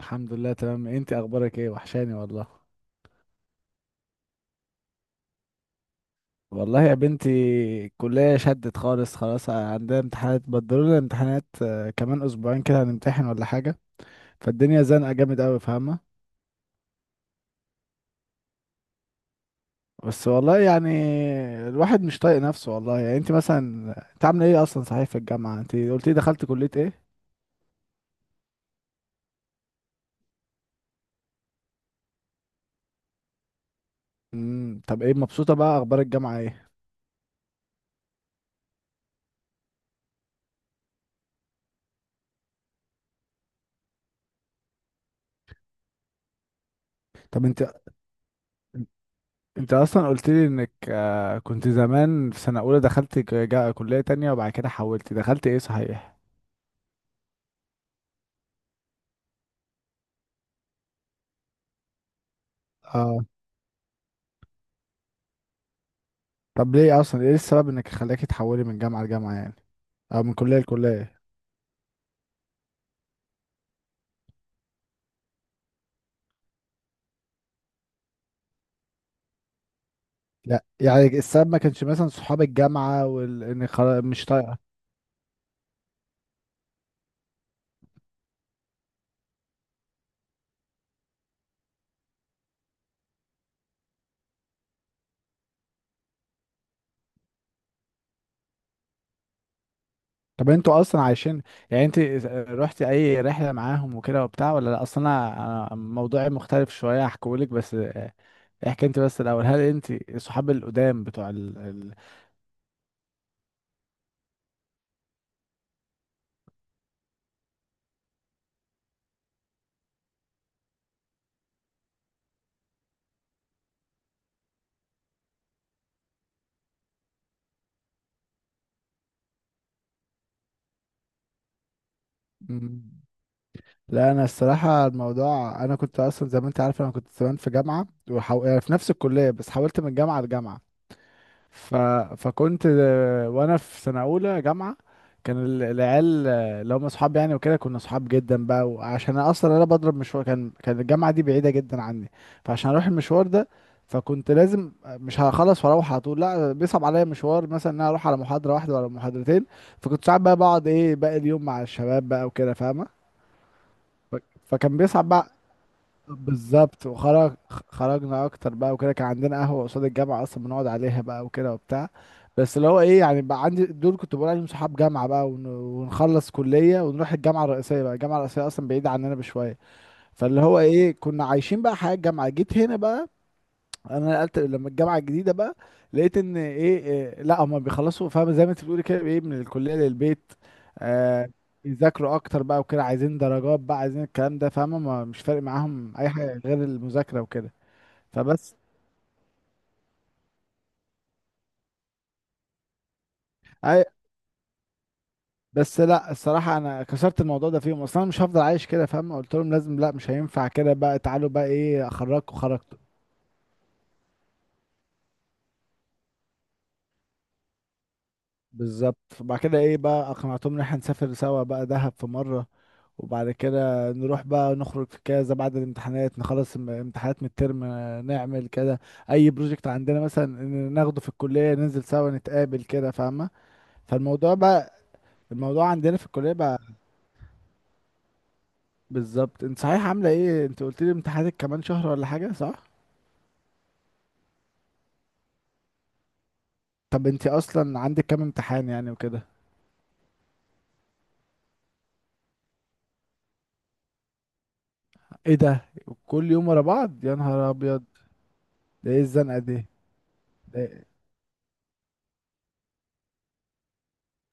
الحمد لله تمام، انت اخبارك ايه؟ وحشاني والله. والله يا بنتي، الكلية شدت خالص، خلاص عندنا امتحانات، بدلوا لنا امتحانات. كمان اسبوعين كده هنمتحن ولا حاجة. فالدنيا زنقة جامد قوي، فاهمة؟ بس والله يعني، الواحد مش طايق نفسه والله، يعني انت عاملة ايه اصلا، صحيح، في الجامعة انت قلتي دخلت كلية ايه؟ طب، ايه، مبسوطة بقى؟ اخبار الجامعة ايه؟ طب انت اصلا قلت لي انك كنت زمان في سنة اولى، دخلت كلية تانية، وبعد كده حولت دخلت ايه، صحيح؟ اه. طب ليه اصلا، ايه السبب انك خلاكي تحولي من جامعه لجامعه يعني، او من كليه لكليه؟ لا، يعني السبب ما كانش مثلا صحاب الجامعه، وان وال... إن خلا- مش طايقه. طب انتوا اصلا عايشين؟ يعني انت رحتي اي رحله معاهم وكده وبتاع ولا لا؟ اصلا أنا موضوعي مختلف شويه، هحكيهولك، بس احكي انت بس الاول، هل انت صحاب القدام بتوع؟ مم. لا، انا الصراحه الموضوع، انا كنت اصلا زي ما انت عارفه، انا كنت زمان في جامعه يعني في نفس الكليه، بس حولت من جامعه لجامعه. ف... فكنت، وانا في سنه اولى جامعه، كان العيال اللي هم اصحاب يعني وكده، كنا اصحاب جدا بقى. وعشان أنا اصلا بضرب مشوار، كان الجامعه دي بعيده جدا عني، فعشان اروح المشوار ده، فكنت لازم، مش هخلص واروح على طول، لا بيصعب عليا مشوار مثلا ان انا اروح على محاضره واحده ولا محاضرتين. فكنت ساعات بقى بقعد ايه باقي اليوم مع الشباب بقى وكده، فاهمه؟ ف- فكان بيصعب بقى. بالظبط، وخرج خرجنا اكتر بقى وكده. كان عندنا قهوه قصاد الجامعه اصلا بنقعد عليها بقى وكده وبتاع. بس اللي هو ايه يعني، بقى عندي دول كنت بقول عليهم صحاب جامعه بقى، ونخلص كليه ونروح الجامعه الرئيسيه بقى، الجامعه الرئيسيه اصلا بعيده عننا بشويه. فاللي هو ايه، كنا عايشين بقى حياه الجامعه. جيت هنا بقى، انا نقلت لما الجامعه الجديده بقى، لقيت ان ايه إيه، لا، هما بيخلصوا فاهم، زي ما انت بتقولي كده، ايه، من الكليه للبيت. آه بيذاكروا اكتر بقى وكده، عايزين درجات بقى، عايزين الكلام ده، فاهمه؟ مش فارق معاهم اي حاجه غير المذاكره وكده. فبس اي بس لا، الصراحه انا كسرت الموضوع ده فيهم، اصلا أنا مش هفضل عايش كده فاهم، قلت لهم لازم، لا مش هينفع كده بقى، تعالوا بقى، ايه، اخرجكم خرج. بالظبط، وبعد كده ايه، بقى اقنعتهم ان احنا نسافر سوا بقى دهب في مرة، وبعد كده نروح بقى نخرج في كذا، بعد الامتحانات نخلص امتحانات من الترم، نعمل كده، اي بروجكت عندنا مثلا ناخده في الكلية ننزل سوا نتقابل كده، فاهمة؟ فالموضوع بقى الموضوع عندنا في الكلية بقى. بالظبط. انت صحيح عاملة ايه؟ انت قلت لي امتحاناتك كمان شهر ولا حاجة، صح؟ طب انت اصلا عندك كام امتحان يعني وكده؟ ايه ده، كل يوم ورا بعض، يا نهار ابيض! ده ايه الزنقة دي!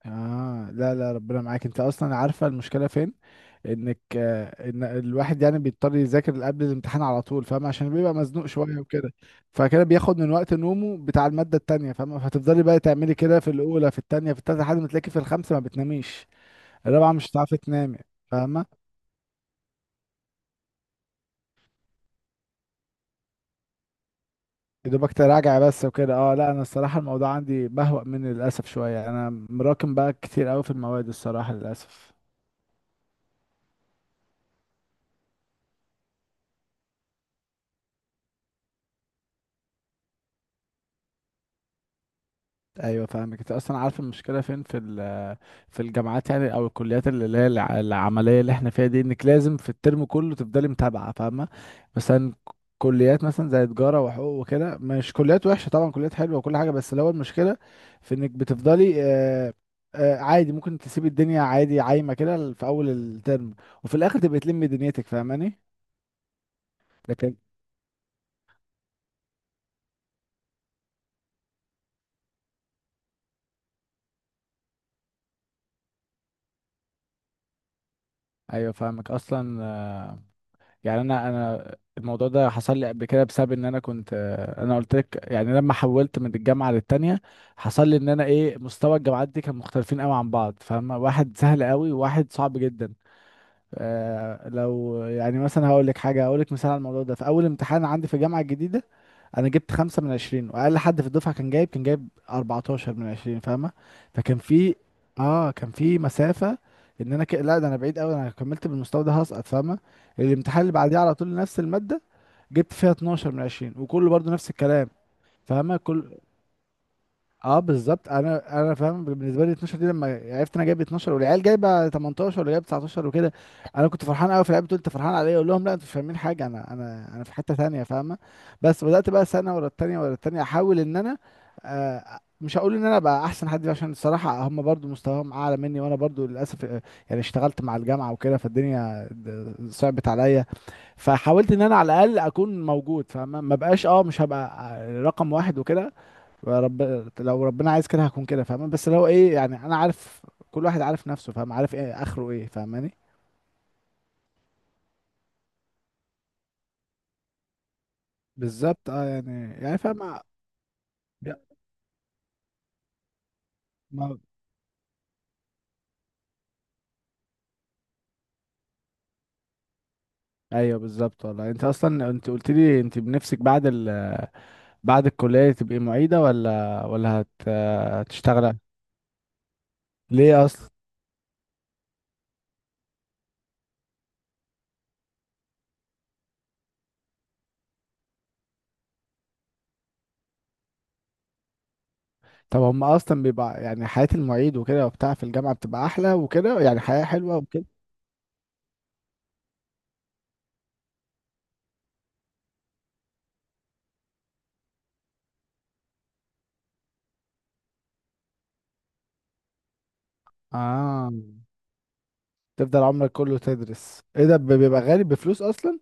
اه، لا لا، ربنا معاك. انت اصلا عارفه المشكله فين، انك آه، ان الواحد يعني بيضطر يذاكر قبل الامتحان على طول فاهم، عشان بيبقى مزنوق شويه وكده. فكده بياخد من وقت نومه بتاع الماده التانية فاهم، فتفضلي بقى تعملي كده في الاولى، في التانية، في التالتة، لحد ما تلاقي في الخامسه ما بتناميش، الرابعه مش هتعرفي تنامي، فاهمه، يا دوبك تراجع بس وكده. اه، لا انا الصراحه الموضوع عندي بهوأ مني للاسف شويه، انا مراكم بقى كتير قوي في المواد الصراحه للاسف. ايوه فاهمك. انت اصلا عارف المشكله فين في الجامعات يعني، او الكليات اللي هي العمليه اللي احنا فيها دي، انك لازم في الترم كله تفضلي متابعه، فاهمه؟ مثلا، كليات مثلا زي تجاره وحقوق وكده، مش كليات وحشه طبعا، كليات حلوه وكل حاجه، بس اللي هو المشكله في انك بتفضلي عادي ممكن تسيبي الدنيا عادي عايمه كده في اول الترم، وفي الاخر تبقي تلمي دنيتك، فاهماني؟ لكن ايوه فاهمك اصلا. يعني انا الموضوع ده حصل لي قبل كده، بسبب ان انا كنت، انا قلت لك يعني لما حولت من الجامعه للتانيه، حصل لي ان انا ايه، مستوى الجامعات دي كان مختلفين قوي عن بعض فاهم، واحد سهل قوي وواحد صعب جدا. لو يعني مثلا هقول لك حاجه، هقول لك مثال على الموضوع ده، في اول امتحان عندي في الجامعه الجديده، انا جبت 5 من 20، واقل حد في الدفعه كان جايب 14 من عشرين فاهمه. فكان في اه كان في مسافه، ان انا لا ده انا بعيد قوي، انا لو كملت بالمستوى ده هسقط فاهمه. الامتحان اللي بعديه على طول نفس الماده، جبت فيها 12 من عشرين، وكله برضو نفس الكلام، فاهمه؟ اه بالظبط، انا فاهم، بالنسبه لي 12 دي، لما عرفت انا جايب 12 والعيال جايبه 18 ولا جايب 19 وكده، انا كنت فرحان قوي، في العيال بتقول انت فرحان عليا، اقول لهم لا انتوا مش فاهمين حاجه، انا في حته تانية فاهمه. بس بدات بقى سنه ورا التانية ورا التانية احاول ان انا، آه مش هقول ان انا بقى احسن حد، عشان الصراحه هم برضو مستواهم اعلى مني، وانا برضو للاسف، يعني اشتغلت مع الجامعه وكده، فالدنيا صعبت عليا. فحاولت ان انا على الاقل اكون موجود فاهمه، ما بقاش، مش هبقى رقم واحد وكده. لو ربنا عايز كده هكون كده فاهم، بس لو ايه يعني انا عارف، كل واحد عارف نفسه فاهم، عارف ايه اخره ايه، فاهماني؟ بالظبط. اه، يعني فاهم. يا- ما... ايوه بالظبط والله، انت اصلا انت قلت لي انت بنفسك بعد بعد الكليه تبقي معيده ولا هتشتغل؟ ليه اصلا؟ طب هم اصلا بيبقى يعني حياه المعيد وكده وبتاع في الجامعه بتبقى احلى وكده، يعني حياه حلوه وكده. اه، تفضل عمرك كله تدرس، ايه ده، بيبقى غالي بفلوس اصلا.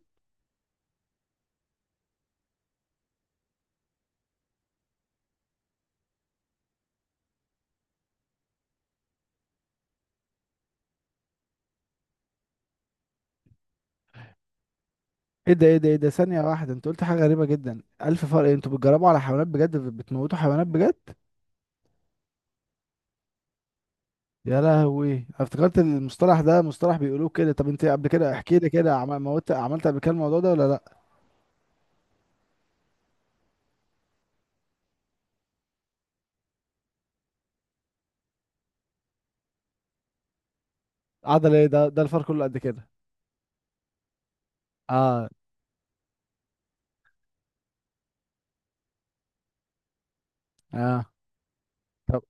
ايه ده، ايه ده، ايه ده، ثانية واحدة، انت قلت حاجة غريبة جدا، ألف فرق إيه؟ انتوا بتجربوا على حيوانات بجد؟ بتموتوا حيوانات بجد؟ يا لهوي! انا افتكرت المصطلح ده مصطلح بيقولوه كده. طب انت قبل كده احكي لي كده، موت، عملت قبل كده الموضوع ده ولا لا؟ عضل ايه؟ ده الفار كله قد كده؟ اه. اه. طب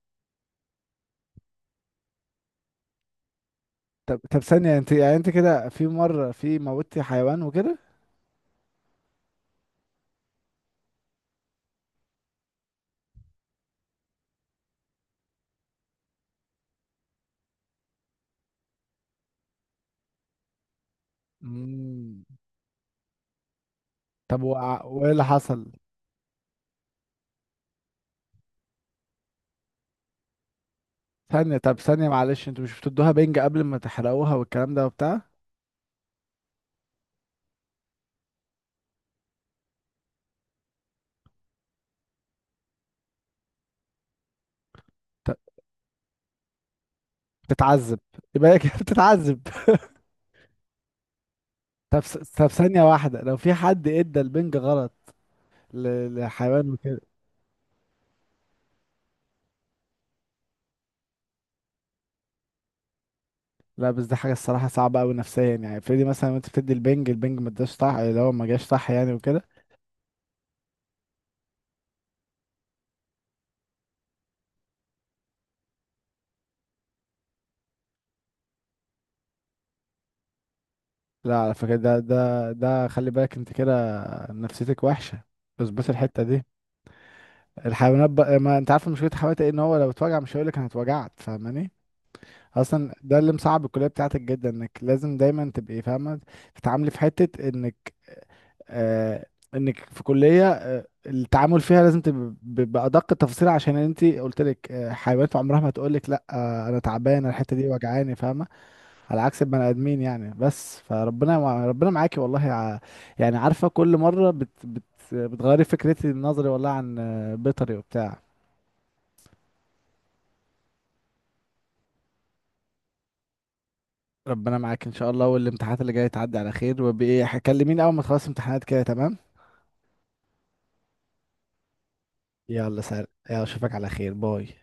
طب ثانية، انت يعني انت كده في مرة في موتي حيوان وكده؟ مم. طب، وايه اللي حصل؟ ثانية، طب ثانية، معلش، انتوا مش بتدوها بنج قبل ما تحرقوها والكلام ده وبتاع؟ طب بتتعذب؟ يبقى هي كده بتتعذب. طب ثانية واحدة، لو في حد ادى البنج غلط لحيوان وكده؟ لا بس دي حاجة الصراحة صعبة أوي نفسيا، يعني افرضي مثلا وانت بتدي البنج، البنج ما اداش صح، اللي هو ما جاش صح يعني وكده. لا على فكرة، ده خلي بالك، انت كده نفسيتك وحشة. بس الحتة دي، الحيوانات بقى، ما انت عارف مشكلة الحيوانات ايه، ان هو لو اتوجع مش هيقولك انا اتوجعت، فاهماني؟ اصلا ده اللي مصعب الكليه بتاعتك جدا، انك لازم دايما تبقي فاهمه، تتعاملي في حته انك، آه انك في كليه التعامل فيها لازم تبقى بادق التفاصيل، عشان انت قلت لك حيوانات عمرها ما تقول لك لا، انا تعبانه الحته دي وجعاني، فاهمه؟ على عكس البني ادمين يعني. بس فربنا ربنا معاكي والله. يعني عارفه، كل مره بت بت بتغيري فكرتي نظري والله عن بيطري وبتاع. ربنا معاك ان شاء الله، والامتحانات اللي جايه تعدي على خير، وبايه كلميني اول ما تخلص امتحانات كده، تمام؟ يلا سلام، يلا اشوفك على خير، باي.